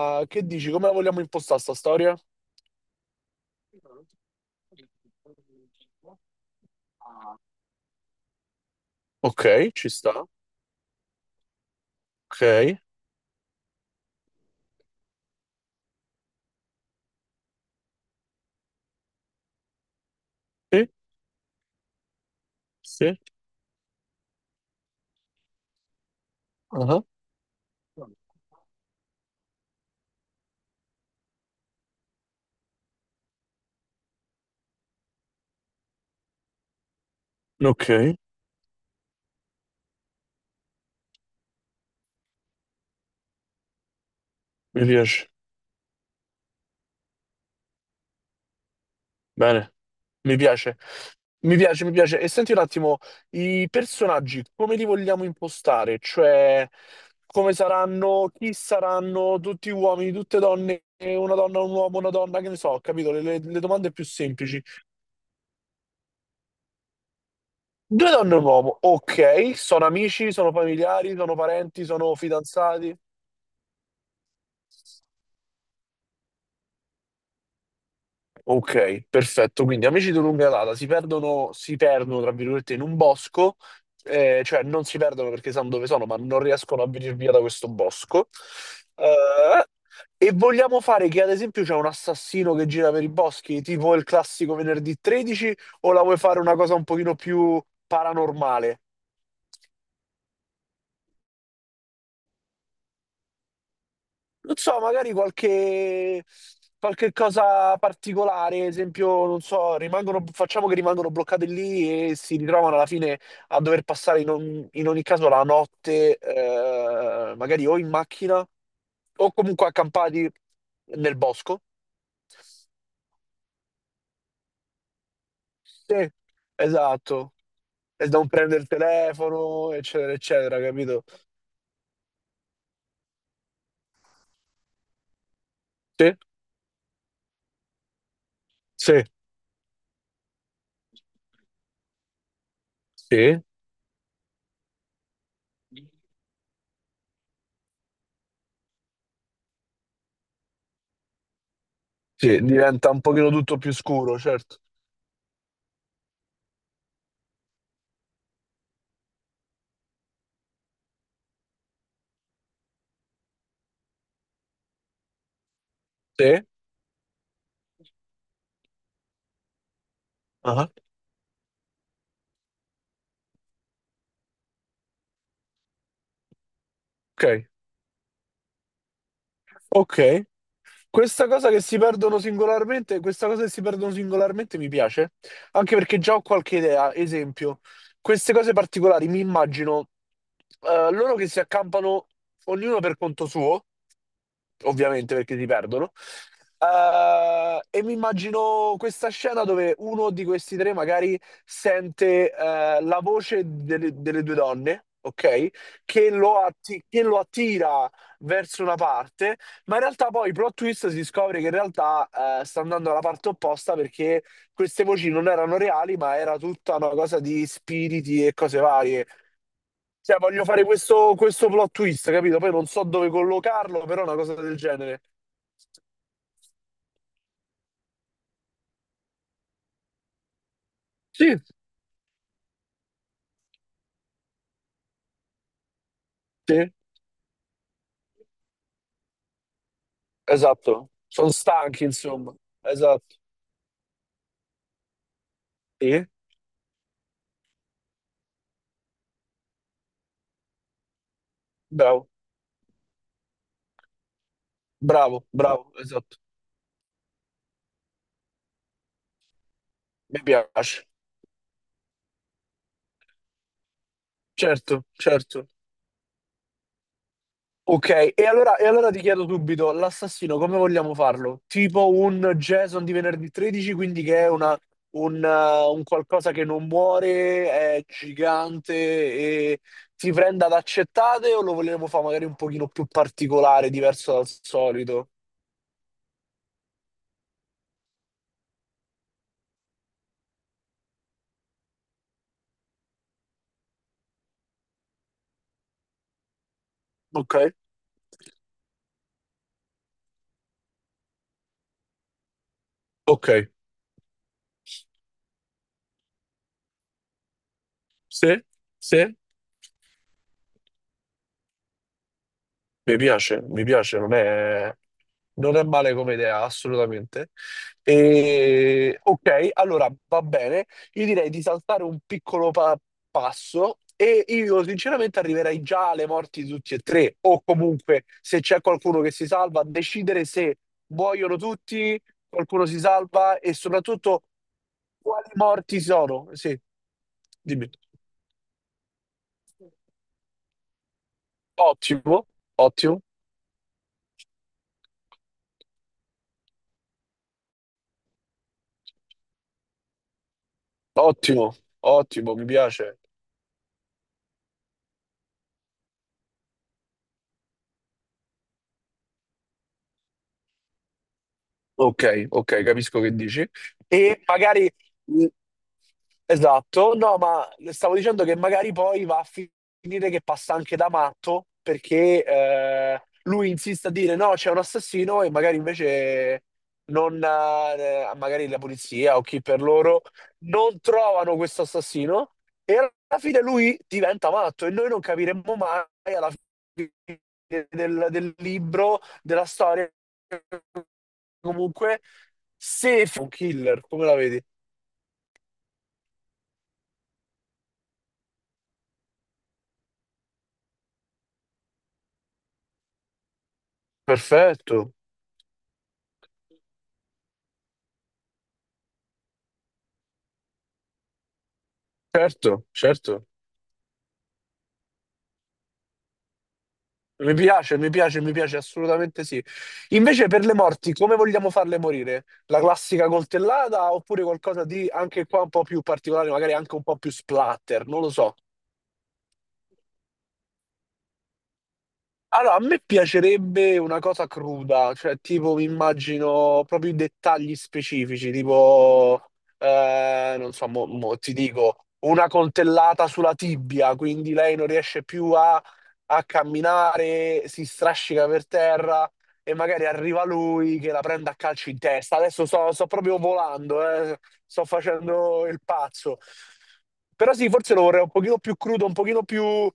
Ah, Gloria? Ok, ok, sì, sì, ah, ok, mi piace, bene, mi piace, mi piace, mi piace. E senti un attimo, i personaggi come li vogliamo impostare? Cioè, come saranno, chi saranno, tutti uomini, tutte donne, una donna, un uomo, una donna, che ne so, capito? Le domande più semplici. Due donne e un uomo, ok, sono amici, sono familiari, sono parenti, sono fidanzati. Ok, perfetto. Quindi amici di lunga data si perdono, tra virgolette, in un bosco, cioè non si perdono perché sanno dove sono, ma non riescono a venire via da questo bosco. Eh, e vogliamo fare che, ad esempio, c'è un assassino che gira per i boschi, tipo il classico venerdì 13, o la vuoi fare una cosa un pochino più paranormale? Non so, qualche cosa particolare, esempio, non so, rimangono, facciamo che rimangono bloccate lì e si ritrovano alla fine a dover passare in ogni caso la notte, magari o in macchina o comunque accampati nel bosco. Sì, esatto. E non prendere il telefono, eccetera, eccetera, capito? Sì, sì, sì, sì, diventa un pochino tutto più scuro, certo. Sì, ah, ok. Ok, questa cosa che si perdono singolarmente, questa cosa che si perdono singolarmente mi piace, anche perché già ho qualche idea, esempio, queste cose particolari mi immagino loro che si accampano ognuno per conto suo ovviamente perché si perdono. E mi immagino questa scena dove uno di questi tre magari sente la voce delle due donne, ok? Che lo attira verso una parte, ma in realtà poi plot twist si scopre che in realtà sta andando alla parte opposta perché queste voci non erano reali, ma era tutta una cosa di spiriti e cose varie. Cioè, voglio fare questo, questo plot twist, capito? Poi non so dove collocarlo, però una cosa del genere. Sì, sì, esatto. Sono stanchi, insomma. Esatto. Sì, bravo, bravo, bravo, esatto. Mi piace. Certo, certo. Ok, e allora ti chiedo subito, l'assassino come vogliamo farlo? Tipo un Jason di venerdì 13, quindi che è una- un qualcosa che non muore, è gigante e ti prende ad accettate o lo vogliamo fare magari un pochino più particolare, diverso dal solito? Ok, ok, sì, sì. Mi piace, non è, non è male come idea, assolutamente. E, ok, allora va bene. Io direi di saltare un piccolo pa- passo e io sinceramente arriverei già alle morti di tutti e tre, o comunque se c'è qualcuno che si salva, a decidere se muoiono tutti, qualcuno si salva e soprattutto quali morti sono. Sì, dimmi. Ottimo, ottimo, ottimo, ottimo, mi piace. Ok, ok, capisco che dici. E magari. Esatto, no, ma stavo dicendo che magari poi va a finire che passa anche da matto perché lui insiste a dire no, c'è un assassino e magari invece non, magari la polizia o chi per loro non trovano questo assassino e alla fine lui diventa matto e noi non capiremo mai alla fine del libro, della storia, comunque se è un killer, come la vedi? Perfetto. Certo, certo. Mi piace, mi piace, mi piace, assolutamente sì. Invece per le morti, come vogliamo farle morire? La classica coltellata oppure qualcosa di anche qua un po' più particolare, magari anche un po' più splatter, non lo so. Allora, a me piacerebbe una cosa cruda, cioè tipo mi immagino proprio i dettagli specifici, tipo, non so, mo ti dico, una coltellata sulla tibia, quindi lei non riesce più a camminare, si strascica per terra e magari arriva lui che la prende a calci in testa. Adesso sto proprio volando, sto facendo il pazzo. Però sì, forse lo vorrei un pochino più crudo, un pochino più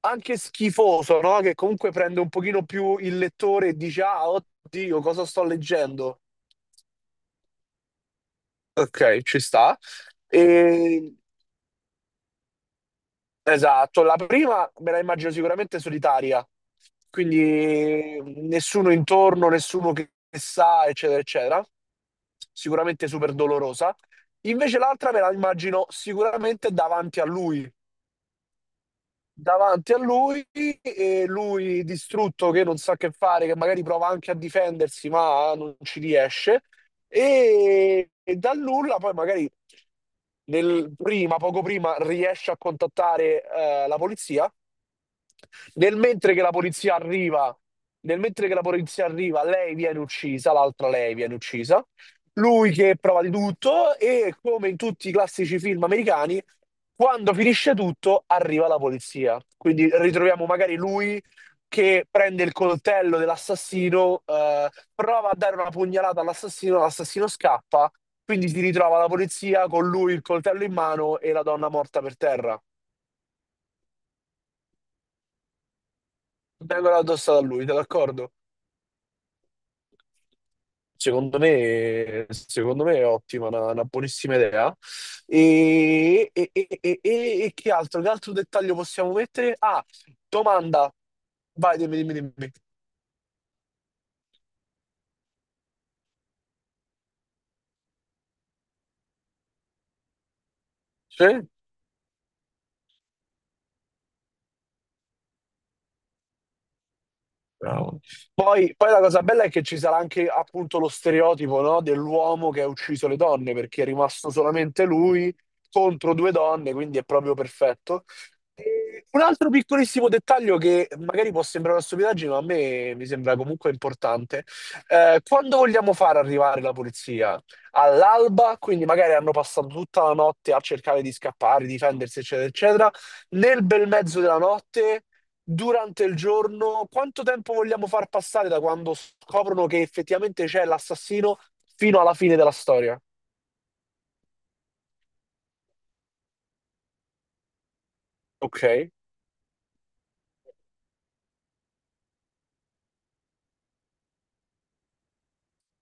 anche schifoso, no? Che comunque prende un pochino più il lettore e dice, ah, oddio, cosa sto leggendo? Ok, ci sta. E esatto, la prima me la immagino sicuramente solitaria, quindi nessuno intorno, nessuno che sa, eccetera, eccetera. Sicuramente super dolorosa. Invece l'altra me la immagino sicuramente davanti a lui e lui distrutto che non sa che fare, che magari prova anche a difendersi, ma non ci riesce. E dal nulla poi magari poco prima riesce a contattare la polizia nel mentre che la polizia arriva, nel mentre che la polizia arriva, lei viene uccisa, l'altra lei viene uccisa. Lui che prova di tutto e come in tutti i classici film americani, quando finisce tutto, arriva la polizia. Quindi ritroviamo magari lui che prende il coltello dell'assassino, prova a dare una pugnalata all'assassino, l'assassino scappa, quindi si ritrova la polizia con lui il coltello in mano e la donna morta per terra. Vengono addosso a lui, te d'accordo? Secondo me è ottima, una buonissima idea. E che altro? Che altro dettaglio possiamo mettere? Ah, domanda. Vai, dimmi, dimmi, dimmi. Sì? Bravo. Poi, poi la cosa bella è che ci sarà anche appunto lo stereotipo, no, dell'uomo che ha ucciso le donne, perché è rimasto solamente lui contro due donne, quindi è proprio perfetto. E un altro piccolissimo dettaglio che magari può sembrare una stupidaggine, ma a me mi sembra comunque importante. Quando vogliamo far arrivare la polizia? All'alba, quindi magari hanno passato tutta la notte a cercare di scappare, difendersi, eccetera, eccetera. Nel bel mezzo della notte durante il giorno, quanto tempo vogliamo far passare da quando scoprono che effettivamente c'è l'assassino fino alla fine della storia? Ok,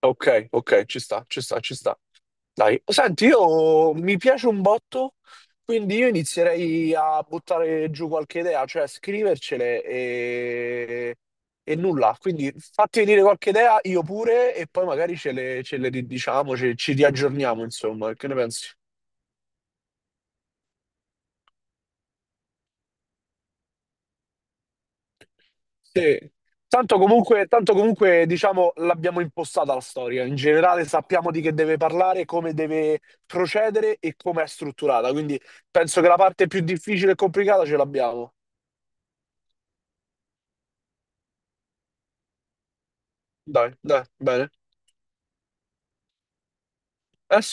ok, ok, ci sta, ci sta, ci sta. Dai, senti, io mi piace un botto, quindi io inizierei a buttare giù qualche idea, cioè scrivercele e nulla. Quindi fatti venire qualche idea, io pure, e poi magari ce le ridiciamo, ci riaggiorniamo, insomma, che ne pensi? Sì. Tanto comunque, diciamo, l'abbiamo impostata la storia. In generale sappiamo di che deve parlare, come deve procedere e come è strutturata. Quindi penso che la parte più difficile e complicata ce l'abbiamo. Dai, dai, bene. Eh sì.